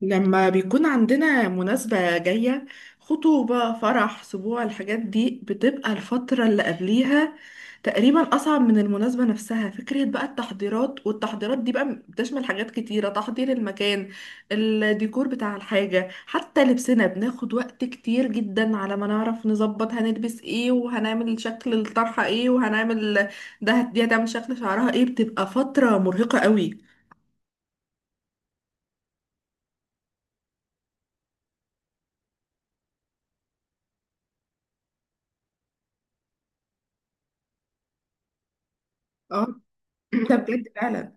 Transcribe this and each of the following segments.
لما بيكون عندنا مناسبة جاية، خطوبة، فرح، سبوع، الحاجات دي بتبقى الفترة اللي قبليها تقريبا أصعب من المناسبة نفسها. فكرة بقى التحضيرات، والتحضيرات دي بقى بتشمل حاجات كتيرة، تحضير المكان، الديكور بتاع الحاجة، حتى لبسنا بناخد وقت كتير جدا على ما نعرف نظبط هنلبس ايه، وهنعمل شكل الطرحة ايه، وهنعمل ده، دي هتعمل شكل شعرها ايه، بتبقى فترة مرهقة قوي. اه. ده بجد فعلا.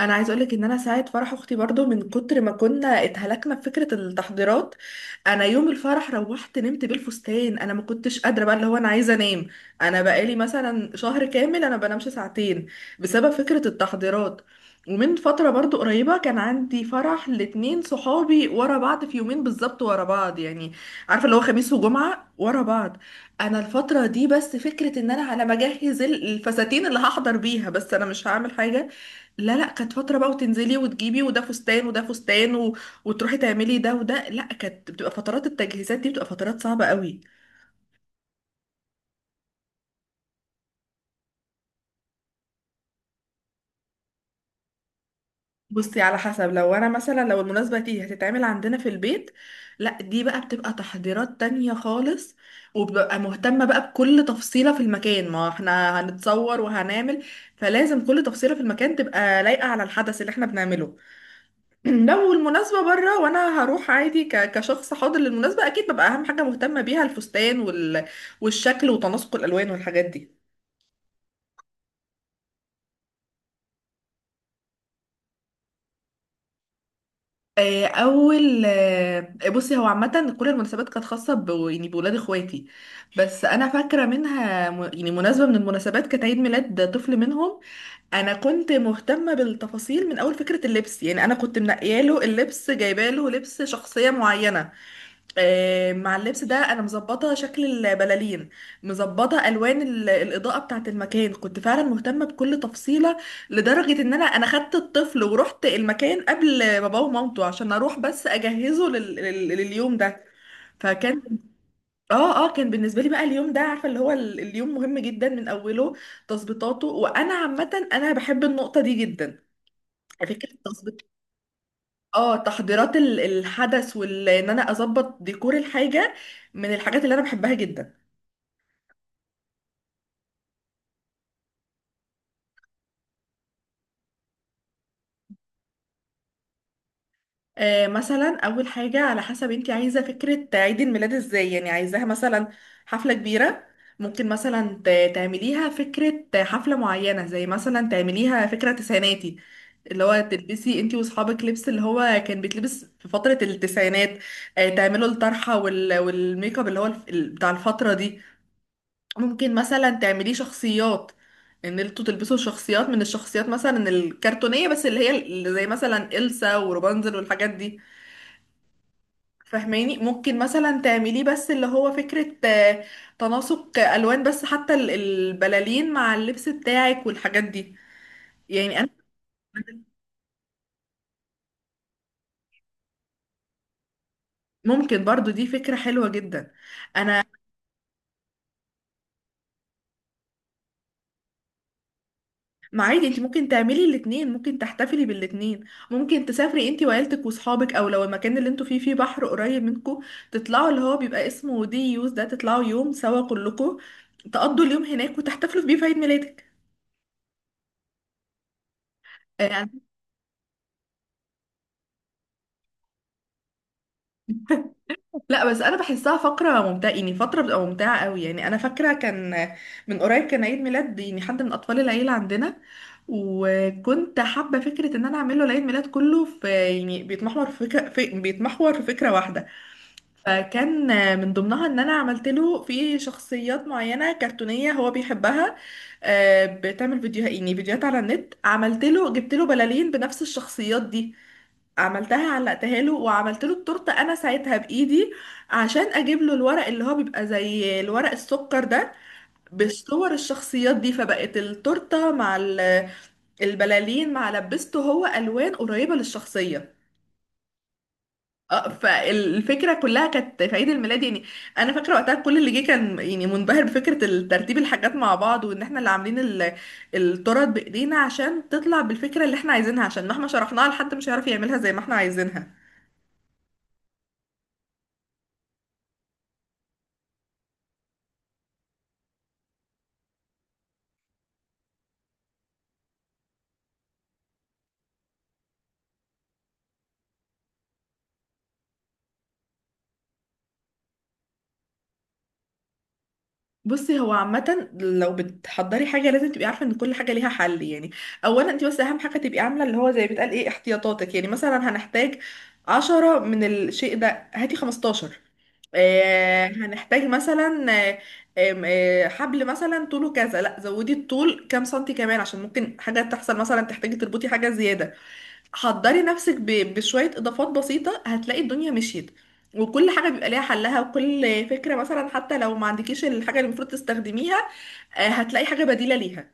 انا عايز اقولك ان انا ساعه فرح اختي برضو من كتر ما كنا اتهلكنا في فكره التحضيرات، انا يوم الفرح روحت نمت بالفستان، انا ما كنتش قادره بقى اللي هو انا عايزه انام. انا بقالي مثلا شهر كامل انا بنامش ساعتين بسبب فكره التحضيرات. ومن فتره برضو قريبه كان عندي فرح لاتنين صحابي ورا بعض في يومين بالظبط ورا بعض، يعني عارفه اللي هو خميس وجمعه ورا بعض. انا الفتره دي بس فكره ان انا على ما اجهز الفساتين اللي هحضر بيها، بس انا مش هعمل حاجه، لا لا، كانت فترة بقى وتنزلي وتجيبي وده فستان وده فستان وتروحي تعملي ده وده، لا كانت بتبقى فترات التجهيزات دي بتبقى فترات صعبة قوي. بصي، على حسب، لو انا مثلا لو المناسبة دي هتتعمل عندنا في البيت، لا دي بقى بتبقى تحضيرات تانية خالص، وببقى مهتمة بقى بكل تفصيلة في المكان ما احنا هنتصور وهنعمل، فلازم كل تفصيلة في المكان تبقى لايقة على الحدث اللي احنا بنعمله. لو المناسبة بره وانا هروح عادي كشخص حاضر للمناسبة، اكيد ببقى اهم حاجة مهتمة بيها الفستان والشكل وتناسق الالوان والحاجات دي. اول بصي هو عامة كل المناسبات كانت خاصة يعني بولاد اخواتي، بس انا فاكرة منها يعني مناسبة من المناسبات كانت عيد ميلاد طفل منهم. انا كنت مهتمة بالتفاصيل من اول فكرة اللبس، يعني انا كنت منقياله اللبس جايباله لبس شخصية معينة. مع اللبس ده انا مظبطه شكل البلالين، مظبطه الوان الاضاءه بتاعه المكان، كنت فعلا مهتمه بكل تفصيله لدرجه ان انا خدت الطفل ورحت المكان قبل باباه ومامته عشان اروح بس اجهزه لليوم ده. فكان. اه اه، كان بالنسبه لي بقى اليوم ده، عارفه اللي هو اليوم مهم جدا من اوله، تظبيطاته، وانا عامه انا بحب النقطه دي جدا. فكره. اه تحضيرات الحدث وان انا اظبط ديكور الحاجه من الحاجات اللي انا بحبها جدا. آه مثلا، اول حاجه على حسب انت عايزه فكره عيد الميلاد ازاي، يعني عايزاها مثلا حفله كبيره، ممكن مثلا تعمليها فكره حفله معينه، زي مثلا تعمليها فكره تسعيناتي، اللي هو تلبسي انتي واصحابك لبس اللي هو كان بيتلبس في فتره التسعينات. تعملوا الطرحه والميك اب اللي هو بتاع الفتره دي. ممكن مثلا تعمليه شخصيات، ان انتوا تلبسوا شخصيات من الشخصيات مثلا الكرتونية، بس اللي هي اللي زي مثلا إلسا وروبانزل والحاجات دي. فاهماني، ممكن مثلا تعمليه بس اللي هو فكرة، تناسق ألوان بس، حتى البلالين مع اللبس بتاعك والحاجات دي، يعني أنا. ممكن برضو دي فكرة حلوة جدا. أنا. ما عادي، انت ممكن تعملي الاتنين، ممكن تحتفلي بالاتنين. ممكن تسافري انت وعيلتك واصحابك، او لو المكان اللي انتوا فيه فيه بحر قريب منكم، تطلعوا اللي هو بيبقى اسمه دي يوز، ده تطلعوا يوم سوا كلكم تقضوا اليوم هناك وتحتفلوا بيه في عيد ميلادك. يعني لا، بس انا بحسها فقره ممتعه، يعني فتره بتبقى ممتعه قوي. يعني انا فاكره كان من قريب كان عيد ميلاد، يعني حد من اطفال العيله عندنا، وكنت حابه فكره ان انا اعمل له العيد ميلاد كله في يعني بيتمحور في فكره واحده. فكان من ضمنها ان انا عملت له في شخصيات معينه كرتونيه هو بيحبها، بتعمل فيديوهات، يعني فيديوهات على النت، عملت له، جبت له بلالين بنفس الشخصيات دي، عملتها علقتها له، وعملت له التورته انا ساعتها بايدي، عشان اجيب له الورق اللي هو بيبقى زي الورق السكر ده، بصور الشخصيات دي، فبقت التورته مع البلالين مع لبسته هو الوان قريبه للشخصيه. اه، فالفكره كلها كانت في عيد الميلاد يعني. انا فاكره وقتها كل اللي جه كان يعني منبهر بفكره ترتيب الحاجات مع بعض، وان احنا اللي عاملين التورت بايدينا عشان تطلع بالفكره اللي احنا عايزينها، عشان مهما شرحناها لحد مش هيعرف يعملها زي ما احنا عايزينها. بصي، هو عامة لو بتحضري حاجة لازم تبقي عارفة ان كل حاجة ليها حل، يعني اولا انت بس اهم حاجة تبقي عاملة اللي هو زي بتقال ايه احتياطاتك. يعني مثلا هنحتاج 10 من الشيء ده، هاتي 15. هنحتاج مثلا، آه، آم، آه، حبل مثلا طوله كذا، لا زودي الطول كام سنتي كمان عشان ممكن حاجة تحصل مثلا تحتاجي تربطي حاجة زيادة. حضري نفسك بشوية إضافات بسيطة، هتلاقي الدنيا مشيت، وكل حاجة بيبقى ليها حلها، وكل فكرة مثلا حتى لو ما عندكيش الحاجة اللي المفروض تستخدميها، هتلاقي حاجة بديلة ليها.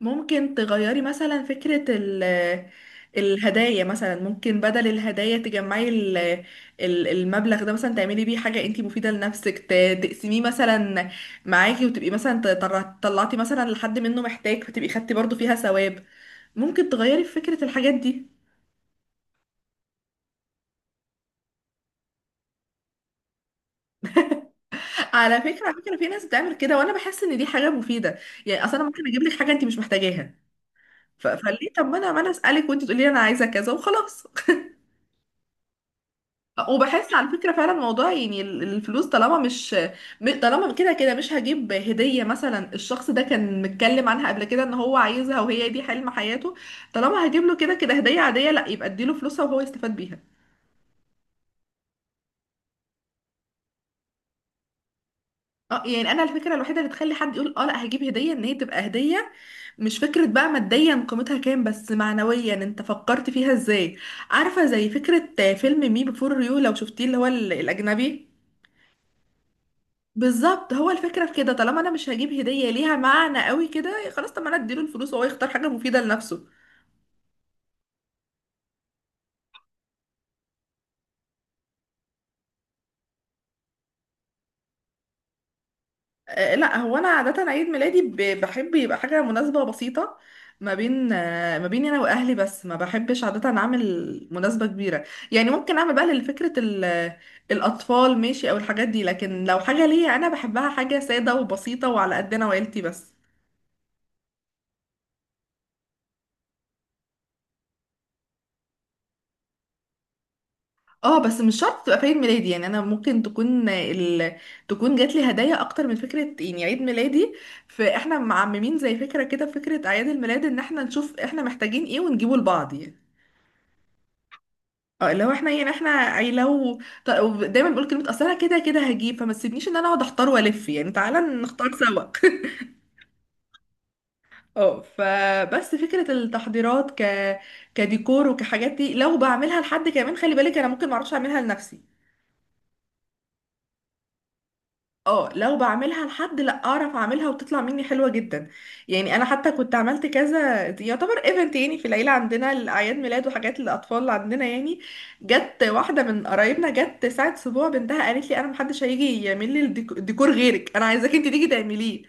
ممكن تغيري مثلا فكرة الهدايا، مثلا ممكن بدل الهدايا تجمعي المبلغ ده مثلا تعملي بيه حاجة انتي مفيدة لنفسك، تقسميه مثلا معاكي، وتبقي مثلا طلعتي مثلا لحد منه محتاج، فتبقي خدتي برضو فيها ثواب. ممكن تغيري في فكرة الحاجات دي. على فكرة في ناس بتعمل كده وانا بحس ان دي حاجة مفيدة. يعني اصلا انا ممكن اجيب لك حاجة انت مش محتاجاها، فليه، طب ما انا اسالك وانت تقولي لي انا عايزة كذا وخلاص. وبحس على فكرة فعلا موضوع، يعني الفلوس، طالما مش طالما كده كده مش هجيب هدية مثلا الشخص ده كان متكلم عنها قبل كده ان هو عايزها وهي دي حلم حياته، طالما هجيب له كده كده هدية عادية، لا يبقى اديله فلوسها وهو يستفاد بيها. اه، يعني انا الفكره الوحيده اللي تخلي حد يقول اه لا هجيب هديه ان هي تبقى هديه، مش فكره بقى ماديا قيمتها كام، بس معنويا انت فكرت فيها ازاي. عارفه، زي فكره فيلم مي بيفور يو لو شفتيه اللي هو الاجنبي. بالظبط، هو الفكره في كده، طالما انا مش هجيب هديه ليها معنى قوي كده، خلاص طب ما انا اديله الفلوس وهو يختار حاجه مفيده لنفسه. لا هو انا عاده عيد ميلادي بحب يبقى حاجه مناسبه بسيطه، ما بيني انا واهلي بس، ما بحبش عاده اعمل مناسبه كبيره. يعني ممكن اعمل بقى لفكره الاطفال ماشي او الحاجات دي، لكن لو حاجه ليا انا بحبها، حاجه ساده وبسيطه وعلى قدنا وعيلتي بس. اه، بس مش شرط تبقى في عيد ميلادي، يعني انا ممكن تكون تكون جات لي هدايا اكتر من فكره يعني عيد ميلادي. فاحنا معممين زي فكره كده فكره اعياد الميلاد ان احنا نشوف احنا محتاجين ايه ونجيبه لبعض يعني. اه لو احنا، يعني احنا عيلو. طب دايما بقول كلمه، اصل انا كده كده هجيب، فما تسيبنيش ان انا اقعد احتار والف، يعني تعالى نختار سوا. اه، فبس فكره التحضيرات كديكور وكحاجات دي، لو بعملها لحد كمان، خلي بالك انا ممكن ما اعرفش اعملها لنفسي. اه لو بعملها لحد لا اعرف اعملها وتطلع مني حلوه جدا، يعني انا حتى كنت عملت كذا يعتبر ايفنت يعني في العيله عندنا، الاعياد ميلاد وحاجات للاطفال اللي عندنا يعني. جت واحده من قرايبنا جت ساعه اسبوع بنتها قالت لي انا محدش هيجي يعمل لي الديكور غيرك، انا عايزاك انت تيجي تعمليه.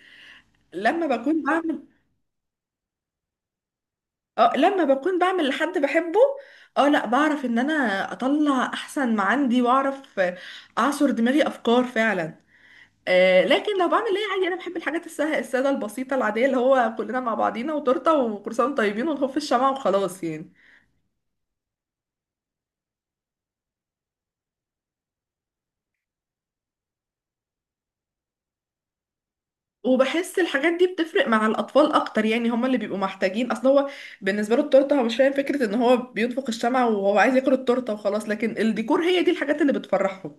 لما بكون بعمل. اه، لما بكون بعمل لحد بحبه، اه لا بعرف ان انا اطلع احسن ما عندي، واعرف اعصر دماغي افكار فعلا. لكن لو بعمل ايه عادي انا بحب الحاجات السهله الساده البسيطه العاديه، اللي هو كلنا مع بعضينا وتورته وكروسان طيبين ونخف في الشمعة وخلاص يعني. وبحس الحاجات دي بتفرق مع الاطفال اكتر، يعني هما اللي بيبقوا محتاجين، اصل هو بالنسبه له التورته هو مش فاهم فكره ان هو بينفخ الشمعة وهو عايز ياكل التورته وخلاص، لكن الديكور هي دي الحاجات اللي بتفرحهم.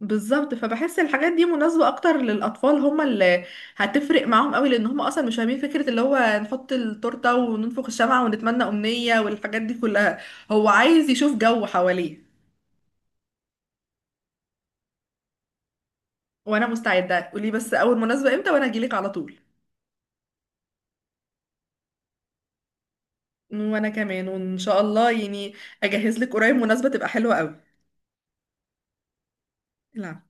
بالظبط، فبحس الحاجات دي مناسبة اكتر للاطفال، هم اللي هتفرق معاهم قوي، لان هم اصلا مش فاهمين فكرة اللي هو نحط التورتة وننفخ الشمعة ونتمنى امنية والحاجات دي كلها، هو عايز يشوف جو حواليه. وانا مستعدة، قولي بس اول مناسبة امتى وانا اجيلك على طول، وانا كمان وان شاء الله يعني اجهز لك قريب مناسبة تبقى حلوة قوي. العب.